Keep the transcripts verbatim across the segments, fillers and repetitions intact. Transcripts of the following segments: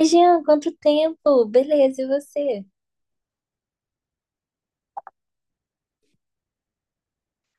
Oi, Jean, quanto tempo? Beleza, e você?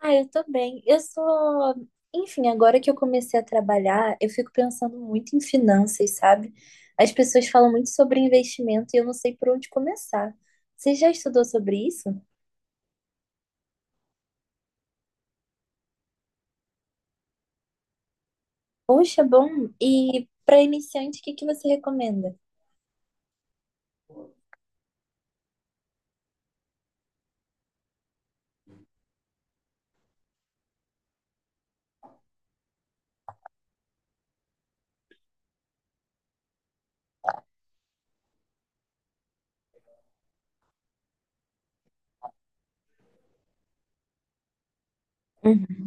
Ah, eu tô bem. Eu sou. Enfim, agora que eu comecei a trabalhar, eu fico pensando muito em finanças, sabe? As pessoas falam muito sobre investimento e eu não sei por onde começar. Você já estudou sobre isso? Poxa, bom. E para iniciante, o que que você recomenda? Uhum.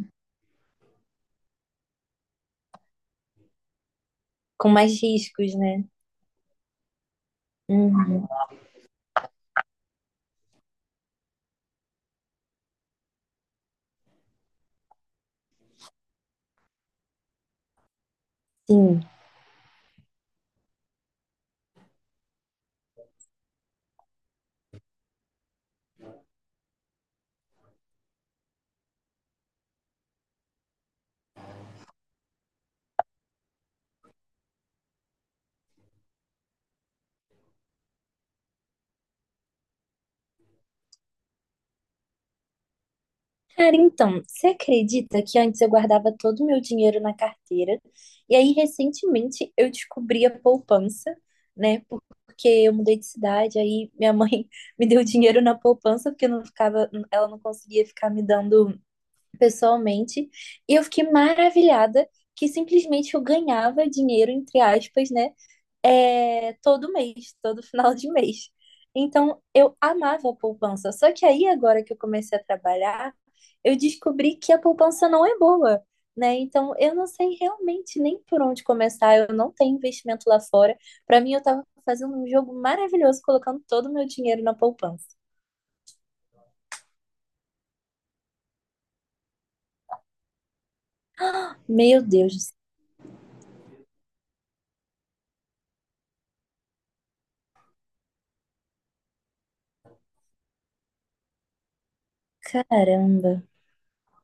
Com mais riscos, né? Uhum. Sim. Cara, então, você acredita que antes eu guardava todo o meu dinheiro na carteira? E aí, recentemente, eu descobri a poupança, né? Porque eu mudei de cidade, aí minha mãe me deu dinheiro na poupança, porque eu não ficava, ela não conseguia ficar me dando pessoalmente. E eu fiquei maravilhada que simplesmente eu ganhava dinheiro, entre aspas, né? É, todo mês, todo final de mês. Então, eu amava a poupança. Só que aí, agora que eu comecei a trabalhar, eu descobri que a poupança não é boa, né? Então, eu não sei realmente nem por onde começar. Eu não tenho investimento lá fora. Para mim, eu tava fazendo um jogo maravilhoso, colocando todo o meu dinheiro na poupança. Meu Deus, do céu, caramba.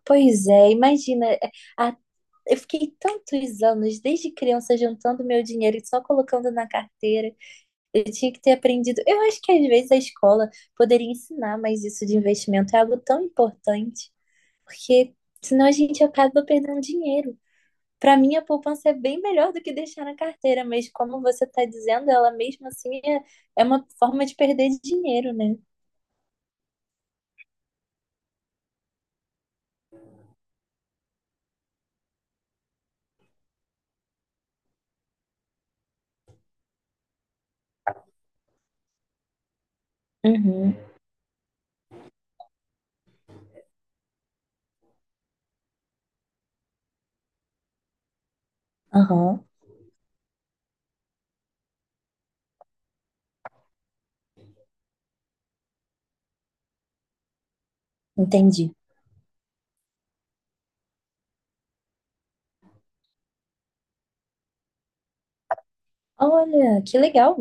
Pois é, imagina. é, a- Eu fiquei tantos anos, desde criança, juntando meu dinheiro e só colocando na carteira. Eu tinha que ter aprendido. Eu acho que às vezes a escola poderia ensinar mais isso de investimento. É algo tão importante, porque senão a gente acaba perdendo dinheiro. Para mim, a poupança é bem melhor do que deixar na carteira, mas como você está dizendo, ela mesmo assim é, é uma forma de perder dinheiro, né? Uhum, aham, entendi. Olha, que legal.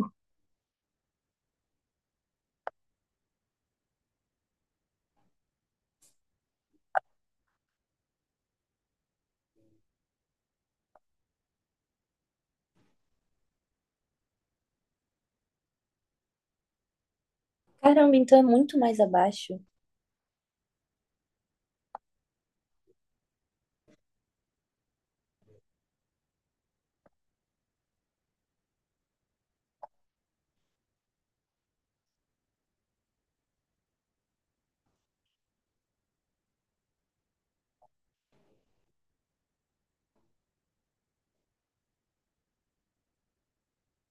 Caramba, então é muito mais abaixo.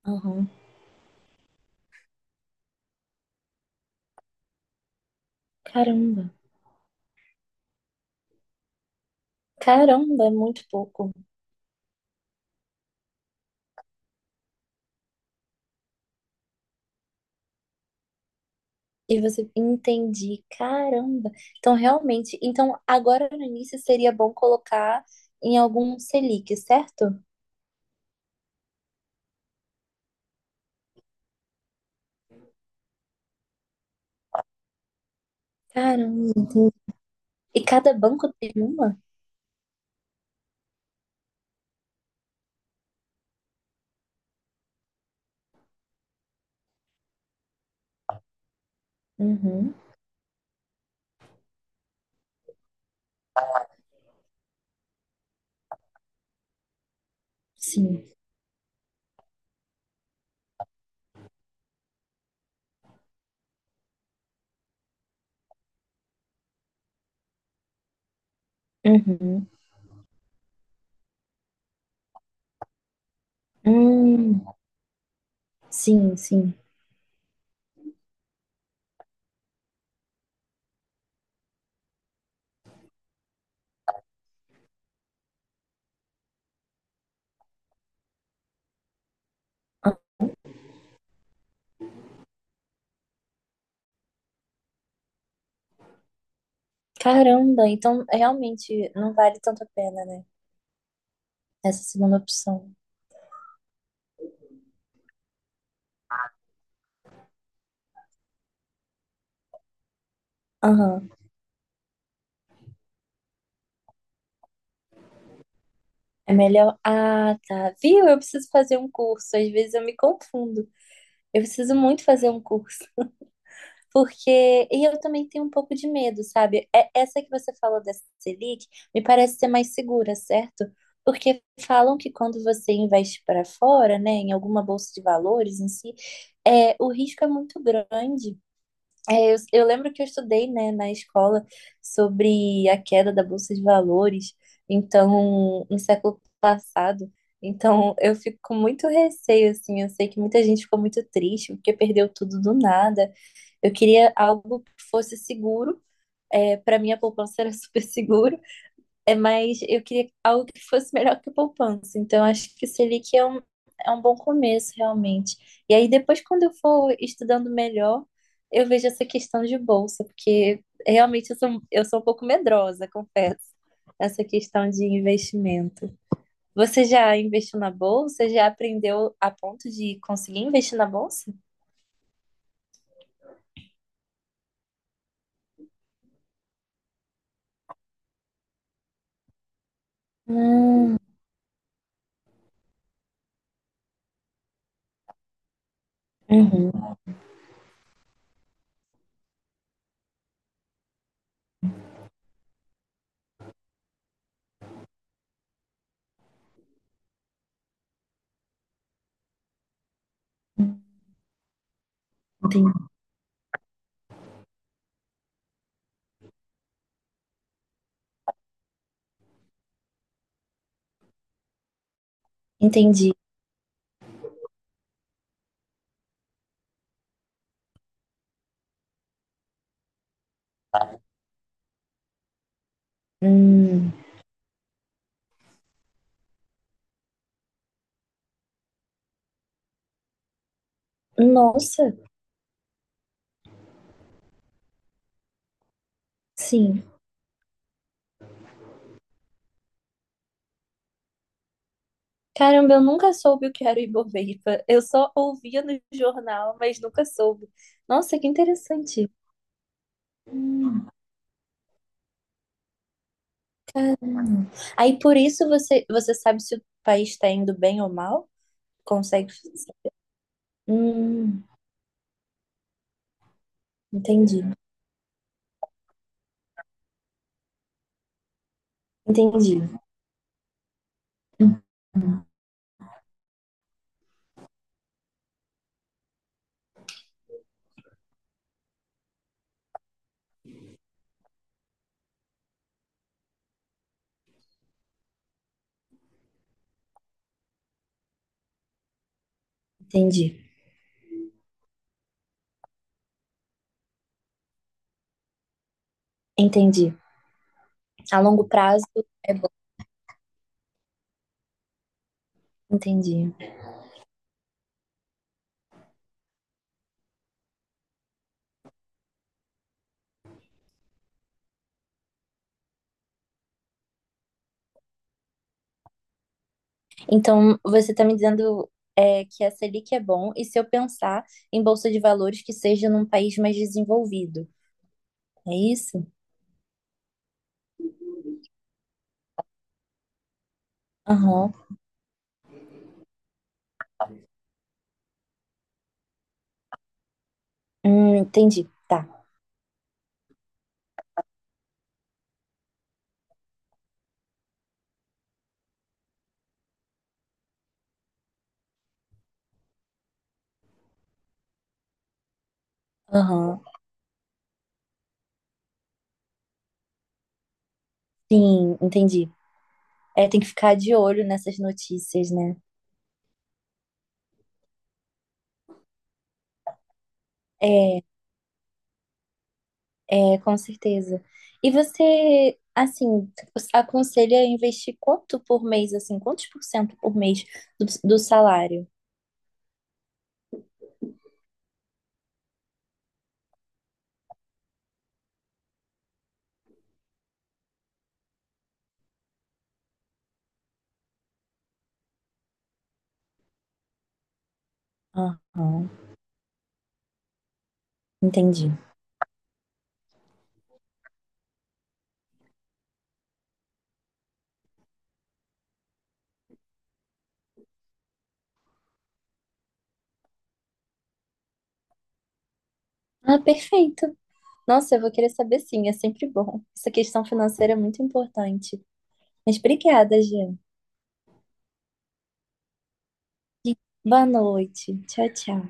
Aham, caramba. Caramba, é muito pouco. E você entendi, caramba. Então, realmente, então agora no início seria bom colocar em algum Selic, certo? Caramba, entendi. E cada banco tem uma? Uhum, sim. Uhum. Hum, sim, sim. Ah, caramba, então realmente não vale tanto a pena, né? Essa segunda opção. Aham. É melhor. Ah, tá. Viu? Eu preciso fazer um curso. Às vezes eu me confundo. Eu preciso muito fazer um curso. Porque, e eu também tenho um pouco de medo, sabe? É- Essa que você falou dessa Selic me parece ser mais segura, certo? Porque falam que quando você investe para fora, né, em alguma bolsa de valores em si, é, o risco é muito grande. É, eu, eu lembro que eu estudei, né, na escola sobre a queda da bolsa de valores, então, no século passado. Então, eu fico com muito receio, assim. Eu sei que muita gente ficou muito triste porque perdeu tudo do nada. Eu queria algo que fosse seguro. É, para mim, a poupança era super seguro, é, mas eu queria algo que fosse melhor que a poupança. Então, acho que o Selic é um, é um bom começo, realmente. E aí, depois, quando eu for estudando melhor, eu vejo essa questão de bolsa, porque realmente eu sou, eu sou um pouco medrosa, confesso, essa questão de investimento. Você já investiu na bolsa? Já aprendeu a ponto de conseguir investir na bolsa? Hum, uhum, entendi. Entendi. Hum, nossa, sim. Caramba, eu nunca soube o que era o Ibovespa. Eu só ouvia no jornal, mas nunca soube. Nossa, que interessante. Hum, caramba. Aí por isso você, você sabe se o país está indo bem ou mal? Consegue? Hum, entendi. Entendi. Hum, Entendi. Entendi. A longo prazo é bom. Entendi. Então, você está me dizendo é, que a Selic é bom, e se eu pensar em bolsa de valores que seja num país mais desenvolvido, é isso? Aham. Hum, entendi. Tá. Aham. Sim, entendi. É, tem que ficar de olho nessas notícias, né? É, é, com certeza. E você, assim, aconselha a investir quanto por mês, assim, quantos por cento por mês do, do salário? Aham, entendi. Ah, perfeito. Nossa, eu vou querer saber sim, é sempre bom. Essa questão financeira é muito importante. Mas obrigada, Jean. Boa noite. Tchau, tchau.